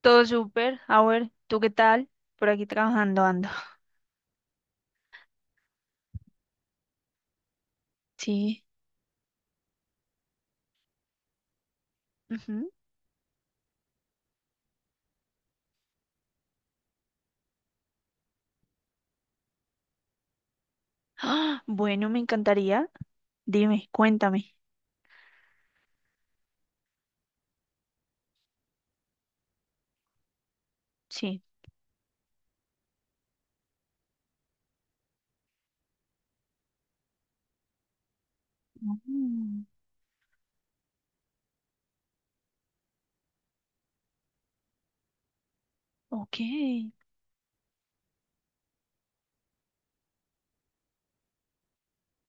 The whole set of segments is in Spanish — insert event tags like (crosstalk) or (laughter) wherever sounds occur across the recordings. Todo súper. A ver, ¿tú qué tal? Por aquí trabajando ando. Sí, ujú. ¡Ah! Bueno, me encantaría. Dime, cuéntame. Sí. Mm, ok.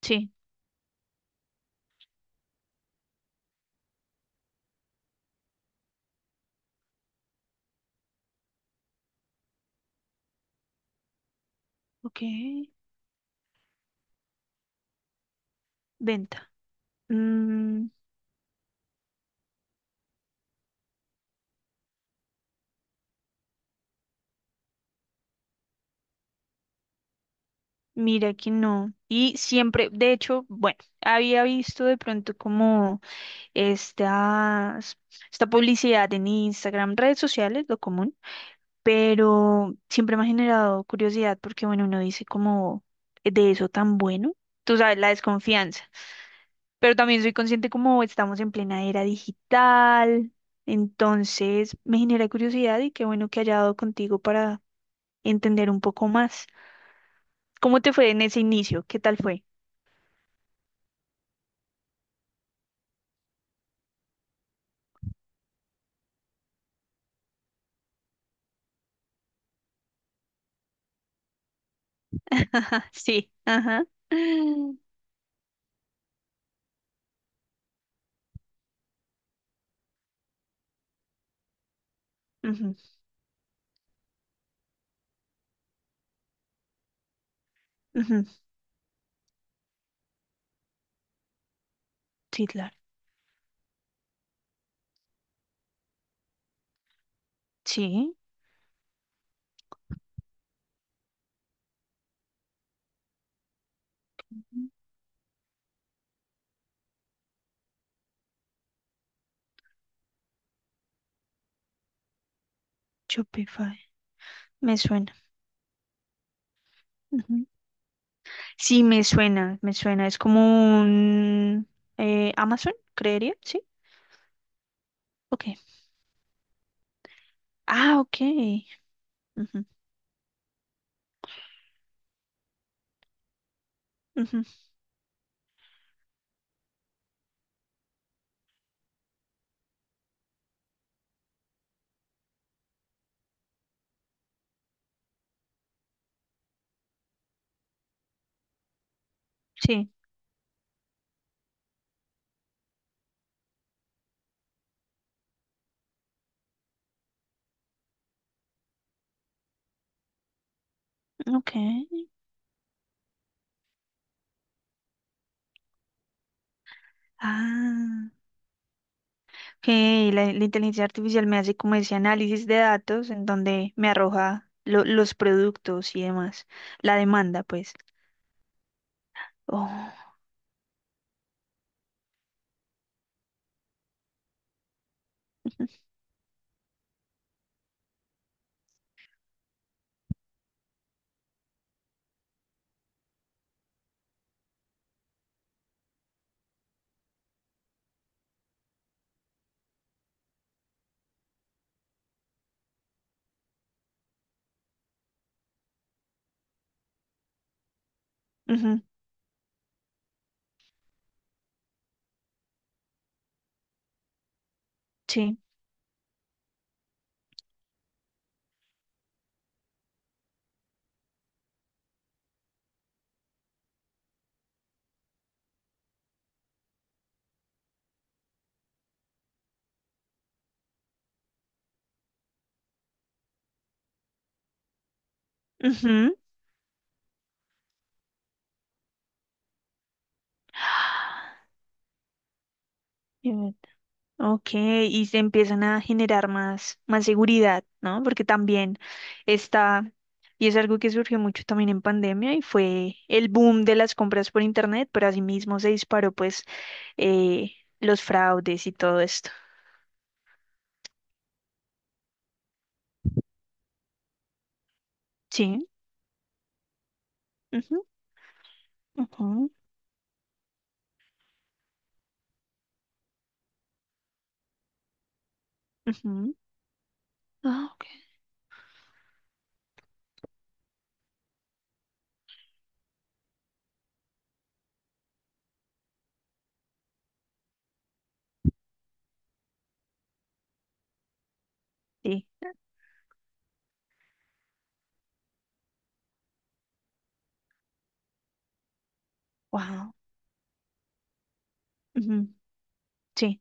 Sí, ok. Venta. Mm, mira que no. Y siempre, de hecho, bueno, había visto de pronto como estas, esta publicidad en Instagram, redes sociales, lo común. Pero siempre me ha generado curiosidad porque, bueno, uno dice como de eso tan bueno, tú sabes, la desconfianza, pero también soy consciente como estamos en plena era digital, entonces me genera curiosidad y qué bueno que haya dado contigo para entender un poco más. ¿Cómo te fue en ese inicio? ¿Qué tal fue? (laughs) Ajá, sí, ajá. (laughs) Ujú, ujú, sí, claro. Sí, Shopify, me suena. Ujú. Sí, me suena, me suena. Es como un, Amazon, creería, ¿sí? Ok. Ah, ok. Ujú, ujú, sí, ok. Ah, ok. La inteligencia artificial me hace como ese análisis de datos en donde me arroja los productos y demás. La demanda, pues. Oh. Ujú, sí. Ujú. Bien, ok, y se empiezan a generar más, más seguridad, ¿no? Porque también está, y es algo que surgió mucho también en pandemia, y fue el boom de las compras por internet, pero asimismo se disparó pues eh, los fraudes y todo esto. Sí. Ujú, ujú, ujú. Ah, ok. Sí, wow. Ujú, sí.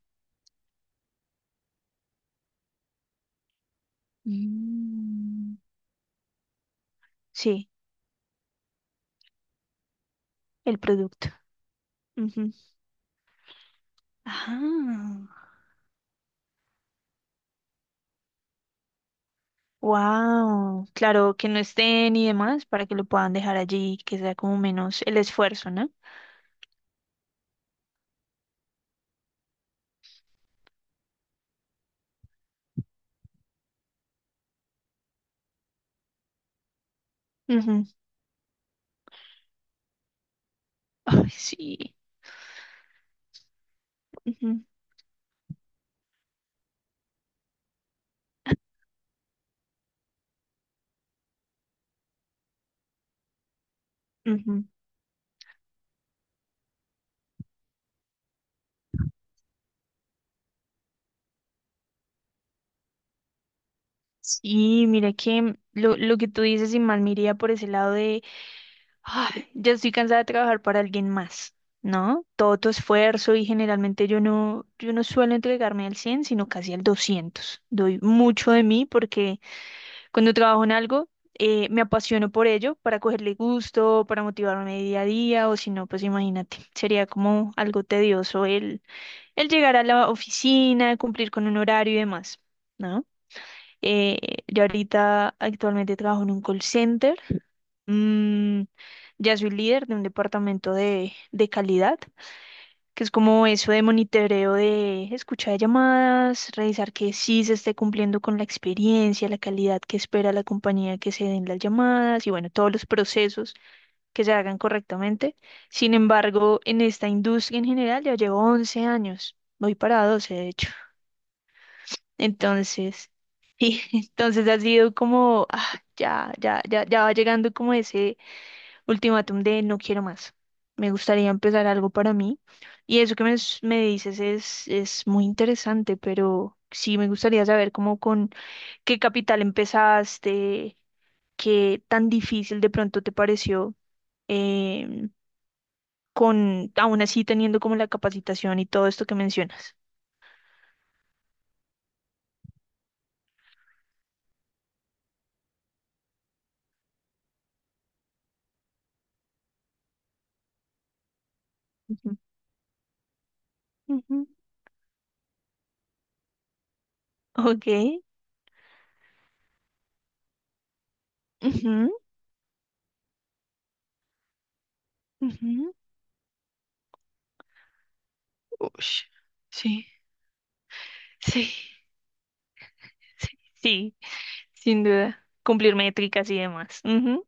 Mm, sí, el producto. Ujú. Ah, wow. Claro, que no estén y demás para que lo puedan dejar allí, que sea como menos el esfuerzo, ¿no? Ujú. Ay, sí. Ujú, ujú. Sí, mira que lo que tú dices, y mal me iría por ese lado. Ay, ya estoy cansada de trabajar para alguien más, ¿no? Todo tu esfuerzo y generalmente yo no suelo entregarme al 100, sino casi al 200. Doy mucho de mí porque cuando trabajo en algo, me apasiono por ello, para cogerle gusto, para motivarme día a día, o si no, pues imagínate, sería como algo tedioso el llegar a la oficina, cumplir con un horario y demás, ¿no? Eh, yo ahorita actualmente trabajo en un call center. Mm, ya soy líder de un departamento de calidad, que es como eso de monitoreo de escucha de llamadas, revisar que sí se esté cumpliendo con la experiencia, la calidad que espera la compañía que se den las llamadas y bueno, todos los procesos que se hagan correctamente. Sin embargo, en esta industria en general ya llevo 11 años, voy para 12 de hecho. Entonces, (laughs) y entonces ha sido como, ah, ya, ya, ya, ya va llegando como ese ultimátum de no quiero más. Me gustaría empezar algo para mí. Y eso que me dices es muy interesante, pero sí me gustaría saber cómo con qué capital empezaste, qué tan difícil de pronto te pareció, em, con aún así teniendo como la capacitación y todo esto que mencionas. Ujú, ujú. Ok. Ujú, ujú. Ush. Sí, sí, sí, sí, sin duda. Cumplir métricas y demás. Ujú.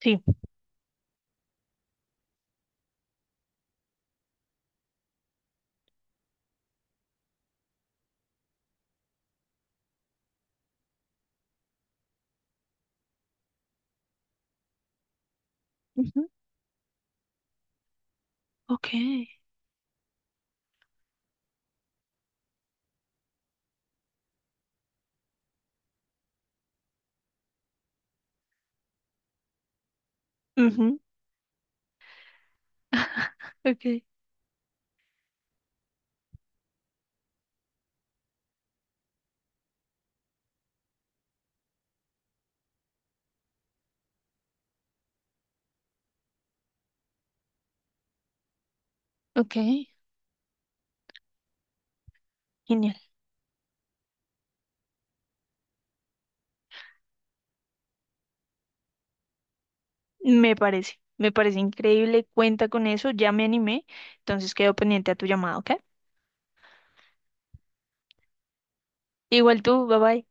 Sí. Ujú, ok. Ujú, (laughs) ok. Ok. Genial. Me parece. Me parece increíble. Cuenta con eso. Ya me animé. Entonces quedo pendiente a tu llamada, ¿ok? Igual tú. Bye bye.